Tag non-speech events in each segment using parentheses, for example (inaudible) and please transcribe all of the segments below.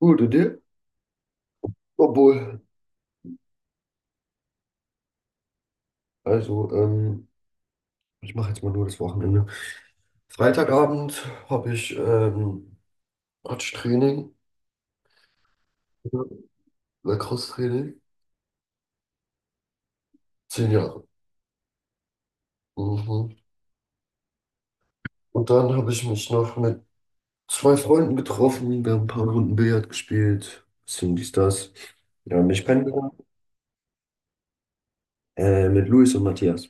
Gut, und dir? Obwohl, also, ich mache jetzt mal nur das Wochenende. Freitagabend habe ich Touch-Training, Lacrosse-Training, 10 Jahre. Mhm. Und dann habe ich mich noch mit zwei Freunden getroffen, wir haben ein paar Runden Billard gespielt, bisschen dies, das. Ja, mich kennengelernt. Mit Luis und Matthias,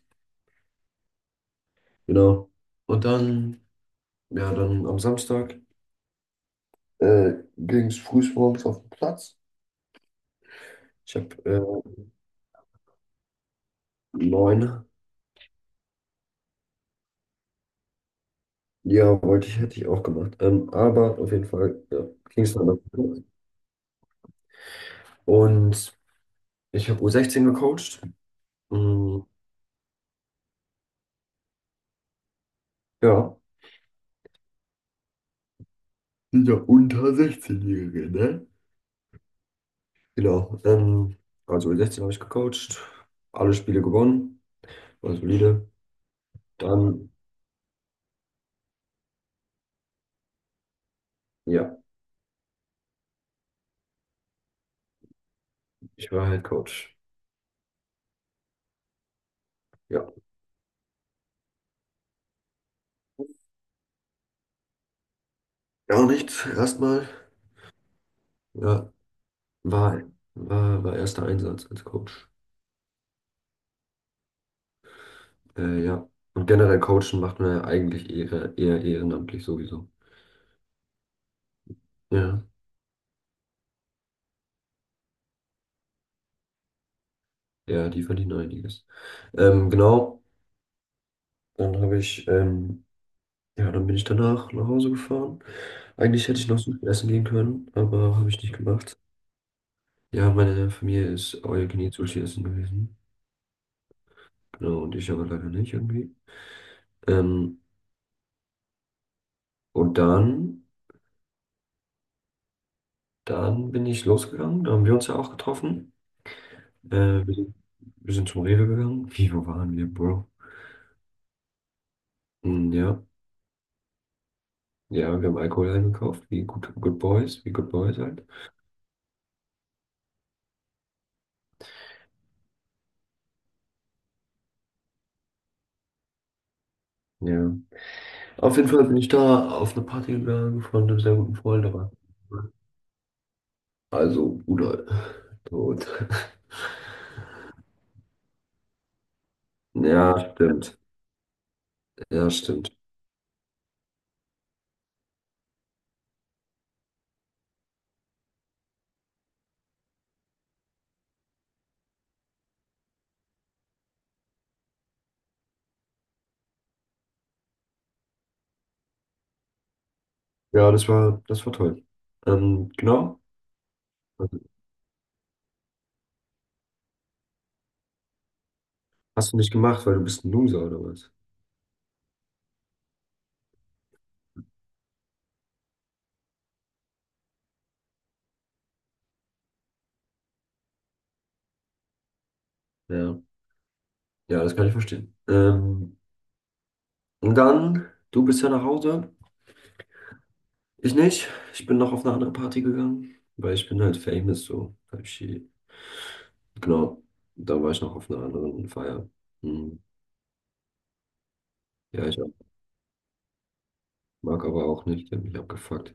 genau. Und dann, ja, dann am Samstag ging es frühmorgens auf den Platz. Ich habe neun. Ja, wollte ich, hätte ich auch gemacht. Aber auf jeden Fall, ja, ging es dann noch. Und ich habe U16 gecoacht. Mm, ja, sind ja unter 16-Jährige, ne? Genau. Also U16 habe ich gecoacht, alle Spiele gewonnen, war solide. Dann, ja, ich war Head Coach. Ja. Gar nichts, erstmal. Ja, war, war erster Einsatz als Coach. Ja. Und generell coachen macht man ja eigentlich eher ehrenamtlich sowieso. Ja. Ja, die verdienen einiges. Genau, dann habe ich, ja, dann bin ich danach nach Hause gefahren. Eigentlich hätte ich noch Sushi essen gehen können, aber habe ich nicht gemacht. Ja, meine Familie ist all you can eat Sushi essen gewesen. Genau, und ich aber leider nicht irgendwie. Ähm, und dann bin ich losgegangen, da haben wir uns ja auch getroffen. Wir sind zum Rewe gegangen. Wo waren wir, Bro? Hm, ja, ja, wir haben Alkohol eingekauft, wie Good Boys halt. Ja. Auf jeden Fall bin ich da auf eine Party gegangen von einem sehr guten Freund, aber also Bruder. (laughs) Tot. Ja, stimmt. Ja, stimmt. Ja, das war toll. Genau. Also, hast du nicht gemacht, weil du bist ein Loser oder was? Ja. Ja, das kann ich verstehen. Und dann, du bist ja nach Hause. Ich nicht. Ich bin noch auf eine andere Party gegangen, weil ich bin halt famous, so. Type shit. Genau. Da war ich noch auf einer anderen Feier. Hm. Ja, ich mag aber auch nicht, der hat mich abgefuckt.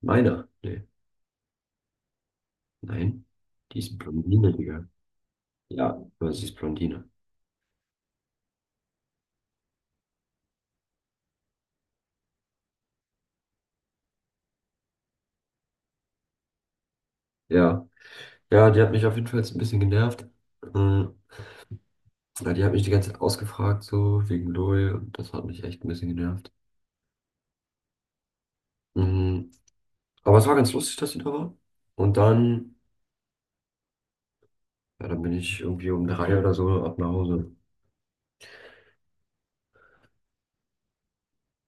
Meiner? Nee, nein. Die ist Blondine, Digga. Ja, aber sie ist Blondine. Ja. Ja, die hat mich auf jeden Fall jetzt ein bisschen genervt. Mhm. Ja, die hat mich die ganze Zeit ausgefragt, so wegen LOL und das hat mich echt ein bisschen genervt. Mhm. Aber es war ganz lustig, dass sie da war. Und dann, ja, dann bin ich irgendwie um drei oder so ab nach Hause.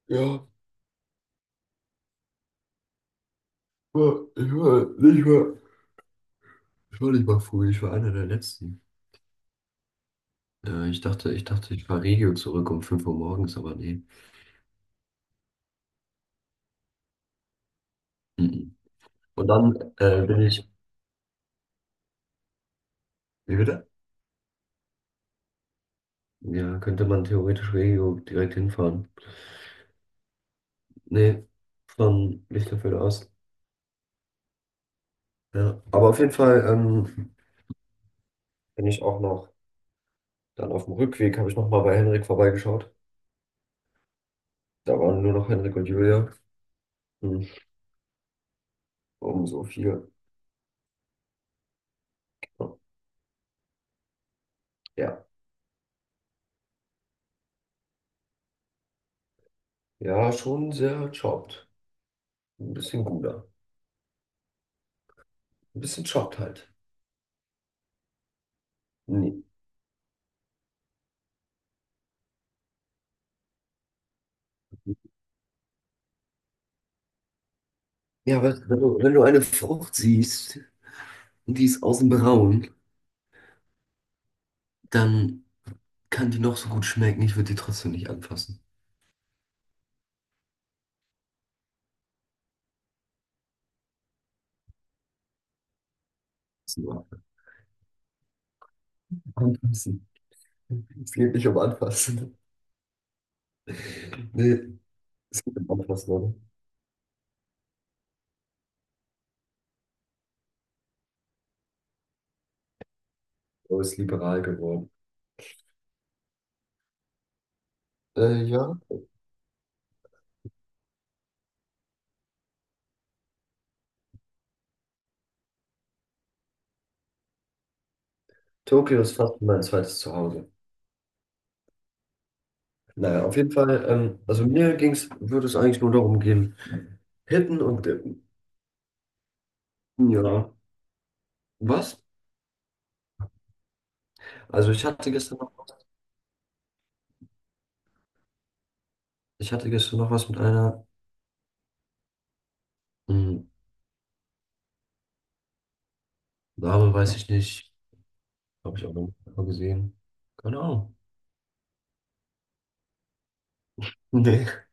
Ja, war- ich war nicht mal, ich war nicht mal früh, ich war einer der Letzten. Ich dachte, ich fahre Regio zurück um 5 Uhr morgens, aber nee. Mhm. Und dann wie bitte? Ja, könnte man theoretisch Regio direkt hinfahren. Nee, von Lichterfeld aus. Ja, aber auf jeden Fall bin ich auch noch, dann auf dem Rückweg habe ich nochmal bei Henrik vorbeigeschaut. Da waren nur noch Henrik und Julia. Hm, um so viel. Ja, ja, schon sehr chopped. Ein bisschen guter. Ein bisschen chopped halt. Nee. Ja, wenn du eine Frucht siehst und die ist außen braun, dann kann die noch so gut schmecken. Ich würde die trotzdem nicht anfassen. So, Anfassen. Es geht nicht um Anfassen. Nee, es geht um Anfassen, oder? Aber ist liberal geworden. Ja, Tokio ist fast mein zweites Zuhause. Naja, auf jeden Fall, also würde es eigentlich nur darum gehen, hitten und dippen. Ja, was? Also ich hatte gestern noch was mit einer, mh, Name weiß ich nicht, habe ich auch noch mal gesehen. Keine Ahnung. Nee.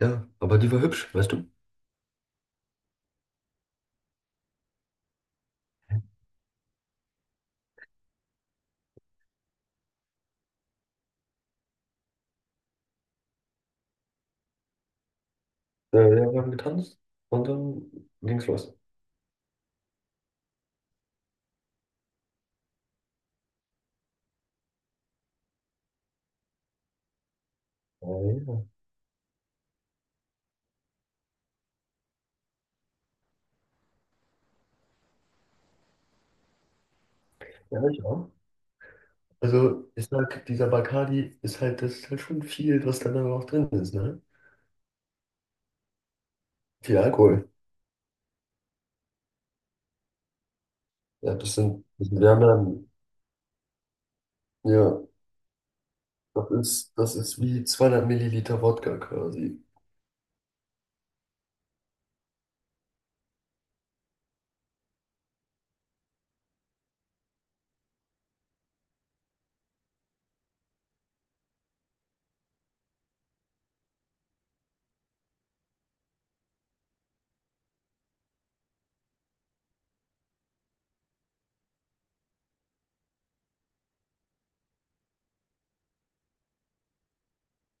Ja, aber die war hübsch, weißt du? Ja, wir haben getanzt und dann ging's los. Ja, ja, ja, ich auch. Also, ich sag, dieser Bacardi ist halt, das ist halt schon viel, was da dann auch drin ist, ne? Viel Alkohol. Ja, das sind, ja, das ist wie 200 Milliliter Wodka quasi.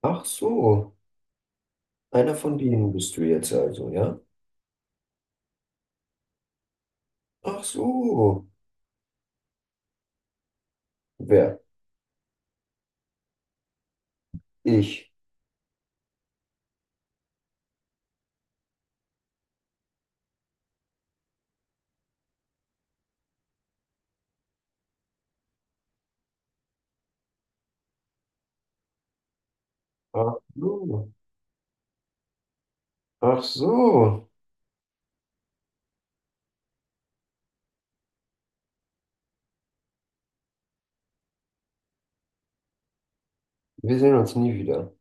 Ach so, einer von denen bist du jetzt also, ja? Ach so, wer? Ich. Ach so, ach so, wir sehen uns nie wieder.